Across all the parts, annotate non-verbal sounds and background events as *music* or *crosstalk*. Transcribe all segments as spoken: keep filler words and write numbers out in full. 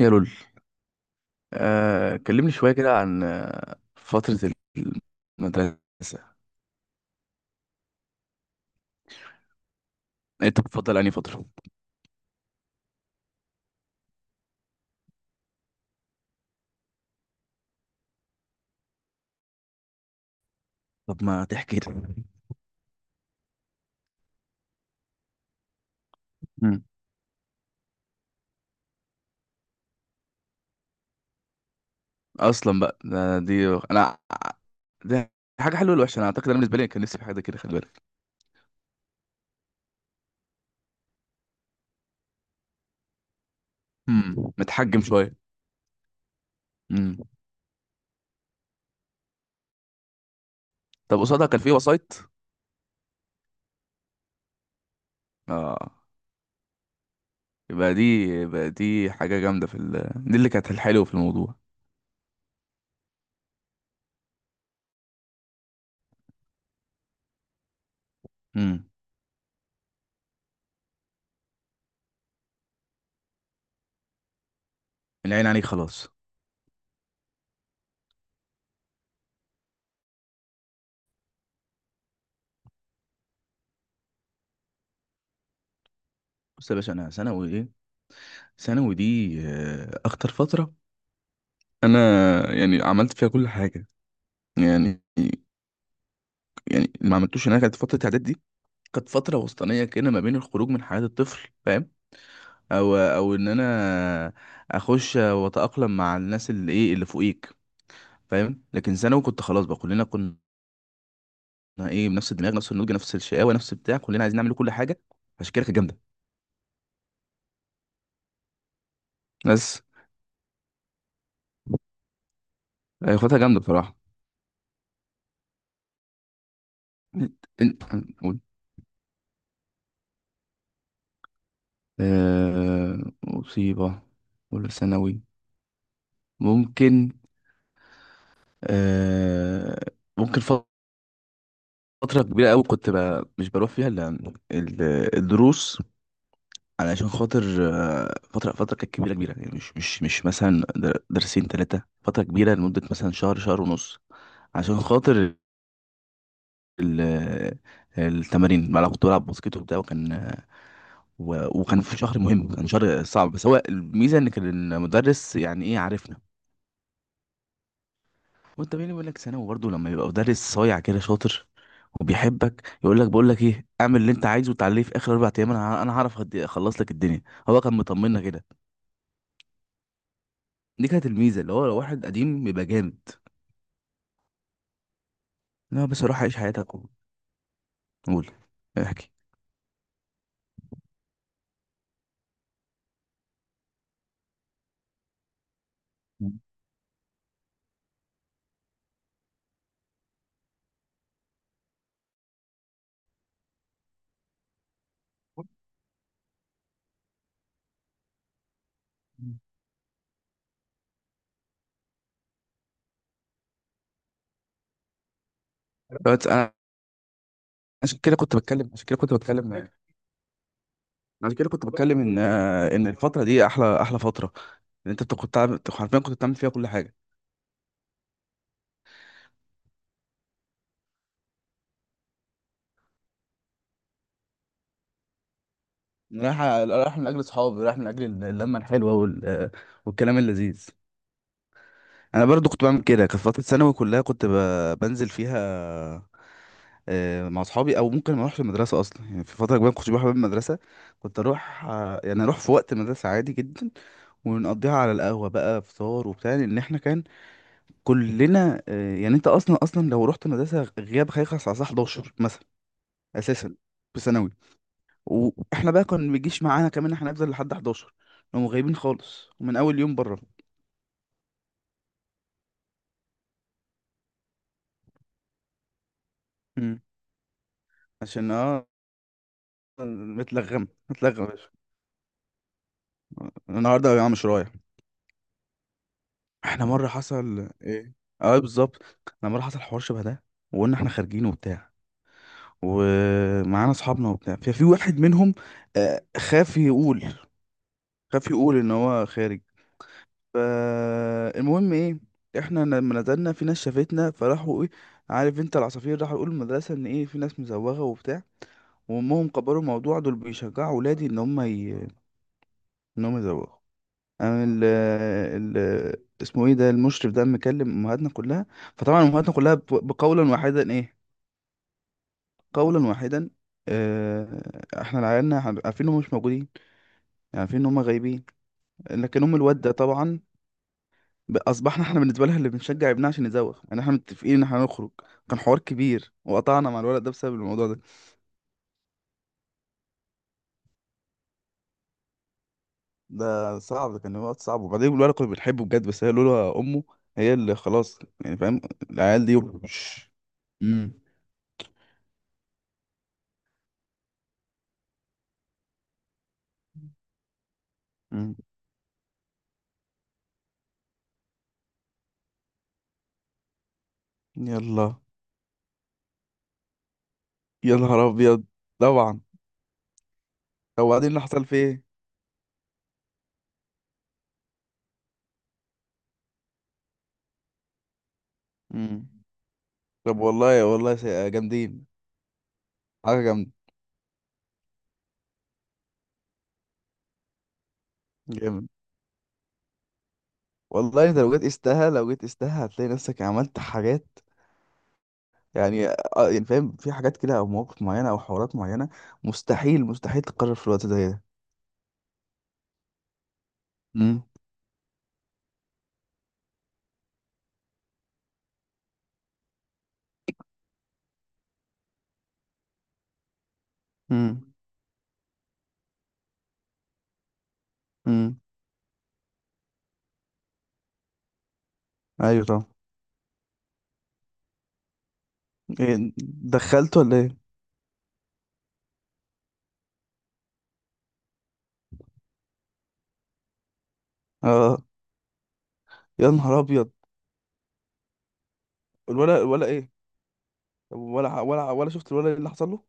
يا لول. آه، كلمني شوية كده عن آه، فترة المدرسة. انت بتفضل انهي فترة؟ طب ما تحكي لي. مم. اصلا بقى ده دي انا دي حاجة حلوة ولا وحشة؟ انا اعتقد انا بالنسبة لي كان نفسي في حاجة كده، خلي بالك. مم. متحجم شوية. مم. طب قصادها كان في وسايط؟ اه. يبقى دي يبقى دي حاجة جامدة في ال... دي اللي كانت الحلوة في الموضوع. مم. العين عليك خلاص. بص يا باشا، انا ثانوي ايه. ثانوي دي آه، اخطر فتره. انا يعني عملت فيها كل حاجه. يعني يعني اللي ما عملتوش هناك كانت فتره اعداد دي. كانت فتره وسطانيه كده ما بين الخروج من حياه الطفل، فاهم. او او ان انا اخش واتاقلم مع الناس اللي ايه اللي فوقيك، فاهم. لكن ثانوي كنت خلاص بقى، كلنا كنا ايه بنفس الدماغ، نفس النضج، نفس الشقاوه، نفس بتاع، كلنا عايزين نعمل كل حاجه. عشان كده كانت جامده. بس هي خدتها جامده بصراحه. إن- قول. آه، مصيبه ولا ثانوي؟ ممكن. آه، ممكن فترة كبيرة أوي كنت ب- مش بروح فيها إلا ال- الدروس. علشان خاطر آه، فترة. فترة كانت كبيرة كبيرة يعني، مش مش مش مثلا در- درسين تلاتة، فترة كبيرة لمدة مثلا شهر شهر ونص. عشان خاطر ال- التمارين. أنا كنت بلعب باسكت وبتاع، وكان و- وكان في شهر مهم، كان شهر صعب. بس هو الميزة إن كان المدرس يعني إيه، عارفنا. وانت بيني بقول لك ثانوي برضه لما يبقى مدرس صايع كده شاطر وبيحبك، يقول لك بقول لك ايه، اعمل اللي انت عايزه وتعالى لي في اخر اربع ايام، انا ه- انا هعرف أد- اخلص لك الدنيا. هو كان مطمنا كده. دي كانت الميزه، اللي هو لو واحد قديم بيبقى جامد. لا بس روح عيش حياتك و- قول، احكي. *laughs* بس انا عشان كده كنت بتكلم عشان كده كنت بتكلم عشان كده كنت بتكلم ان آه، ان الفتره دي احلى احلى فتره. ان انت كنت بتعمل- حرفيا كنت بتعمل فيها كل حاجه. رايح رايح من اجل اصحابي، رايح من اجل اللمه الحلوه وال... والكلام اللذيذ. انا برضو كنت بعمل كده، كانت فتره ثانوي كلها كنت ب- بنزل فيها آه، مع اصحابي، او ممكن ما اروحش المدرسه اصلا. يعني في فتره كبيره ما كنتش بروح باب المدرسه. كنت اروح آه، يعني اروح في وقت المدرسه عادي جدا ونقضيها على القهوه بقى، فطار وبتاع. لان احنا كان كلنا آه، يعني انت اصلا اصلا لو رحت مدرسه غياب هيخلص على الساعه حداشر مثلا، اساسا في ثانوي. واحنا بقى كان ما بيجيش معانا كمان، احنا نفضل لحد حداشر، هم غايبين خالص ومن اول يوم بره. مم. عشان اه متلغم متلغم. النهارده يا عم مش رايح. احنا مره حصل ايه؟ اه بالظبط. احنا مره حصل حوار شبه ده، وقلنا احنا خارجين وبتاع ومعانا اصحابنا وبتاع. ففي واحد منهم آه، خاف يقول خاف يقول ان هو خارج. فالمهم ايه، احنا لما نزلنا في ناس شافتنا فراحوا ايه، عارف انت، العصافير راحوا يقولوا المدرسه ان ايه، في ناس مزوغه وبتاع. وامهم كبروا الموضوع، دول بيشجعوا ولادي ان هم ي... ان هم يزوغوا. قام ال ال اسمه ايه ده، المشرف ده، مكلم امهاتنا كلها. فطبعا امهاتنا كلها ب- بقولا واحدا ايه، قولا واحدا، آه، احنا العيالنا عارف- عارفين انهم مش موجودين. يعني عارفين ان هم غايبين، لكن ام الواد ده طبعا ب- اصبحنا احنا بالنسبه لها اللي بنشجع ابنها عشان يزوغ. يعني احنا متفقين ان احنا هنخرج. كان حوار كبير، وقطعنا مع الولد ده بسبب الموضوع ده. ده صعب، ده كان وقت صعب. وبعدين الولد كنا بنحبه بجد، بس هي لولا امه، هي اللي خلاص يعني، فاهم. العيال دي مش... امم يلا. يا نهار ابيض. طبعا. طب وبعدين اللي حصل فيه ايه؟ مم. طب والله والله سي- جامدين. حاجه جامده. جامد. والله انت لو جيت قستها لو جيت قستها هتلاقي نفسك عملت حاجات يعني. آه، يعني فاهم، في حاجات كده او مواقف معينه او حوارات معينه مستحيل مستحيل تتكرر في الوقت زي ده. امم امم امم ايوه طبعا. إيه دخلته ولا ايه؟ اه، يا نهار ابيض. الولا ولا ايه؟ طب ولا ولا ولا شفت الولا اللي حصل له؟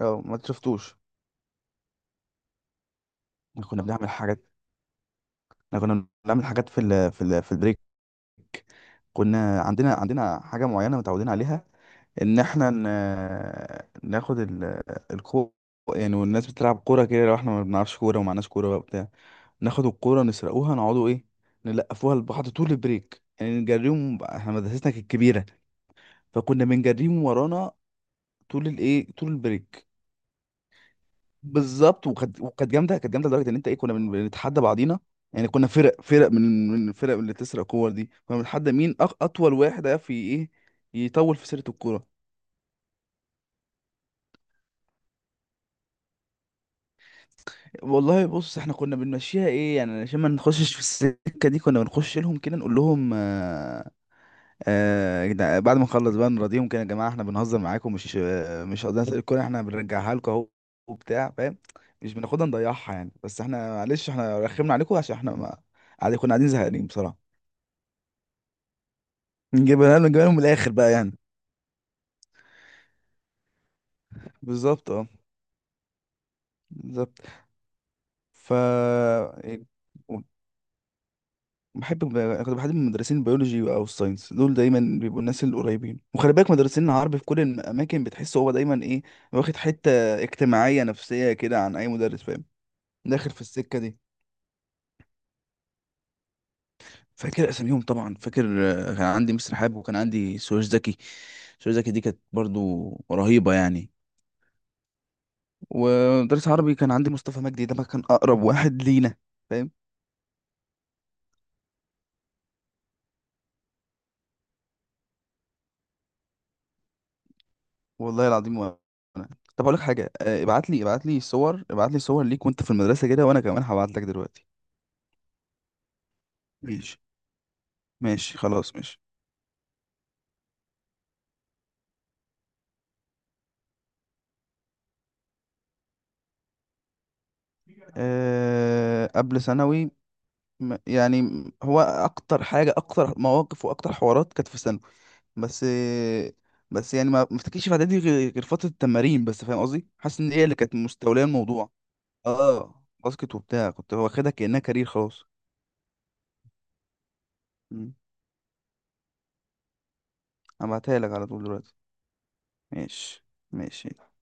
اه ما شفتوش. كنا بنعمل حاجات. احنا كنا بنعمل حاجات في ال في ال في البريك. كنا عندنا عندنا حاجه معينه متعودين عليها، ان احنا ن- ناخد ال- الكو، يعني. والناس بتلعب كوره كده، لو احنا ما بنعرفش كوره ومعناش كوره بقى وبتاع، ناخد الكوره نسرقوها، نقعدوا ايه، نلقفوها لبعض طول البريك، يعني نجريهم. احنا مدرستنا كانت كبيره فكنا بنجريهم ورانا طول الايه، طول البريك. بالظبط. وكانت وكانت جامده، كانت جامده لدرجه ان انت ايه، كنا بن- بنتحدى بعضينا. يعني كنا فرق فرق من من الفرق اللي بتسرق كور دي، كنا بنتحدى مين أق- اطول واحد هيعرف ي- ايه، يطول في سيره الكوره. والله بص، احنا كنا بنمشيها ايه يعني، عشان ما نخشش في السكه دي كنا بنخش لهم كده نقول لهم آه آه يا جدع- بعد ما نخلص بقى نراضيهم كده، يا جماعه احنا بنهزر معاكم، مش آه مش قصدنا نسرق الكوره، احنا بنرجعها لكم اهو وبتاع، فاهم. مش بناخدها نضيعها يعني، بس احنا معلش احنا رخمنا عليكم عشان احنا ما قاعدين، كنا قاعدين زهقانين بصراحه. نجيبها لهم نجيبها لهم من الاخر بقى يعني. بالظبط، اه. بالظبط. ف يعني بحب. كنت بحب مدرسين البيولوجي او الساينس، دول دايما بيبقوا الناس القريبين. وخلي بالك مدرسين العربي في كل الاماكن بتحس هو دايما ايه، واخد حته اجتماعيه نفسيه كده عن اي مدرس، فاهم. داخل في السكه دي. فاكر اساميهم، طبعا فاكر. آه، كان عندي مستر حاب وكان عندي سويش زكي. سويش زكي دي كانت برضو رهيبه يعني. ومدرس عربي كان عندي مصطفى مجدي، ده بقى كان اقرب واحد لينا، فاهم. والله العظيم. وانا طب اقول لك حاجه، آه، ابعت لي ابعت لي صور ابعت لي صور ليك وانت في المدرسه كده، وانا كمان هبعت لك دلوقتي. ماشي ماشي، خلاص ماشي. أه قبل ثانوي، م- يعني م- هو اكتر حاجه، اكتر مواقف واكتر حوارات كانت في ثانوي. بس آه، بس يعني ما ما افتكرش في اعدادي غير غير فتره التمارين بس، فاهم قصدي، حاسس ان هي اللي كانت مستوليه الموضوع. اه باسكت وبتاع كنت واخدها كانها كارير خلاص. مم. هبعتها لك على طول دلوقتي. ماشي ماشي.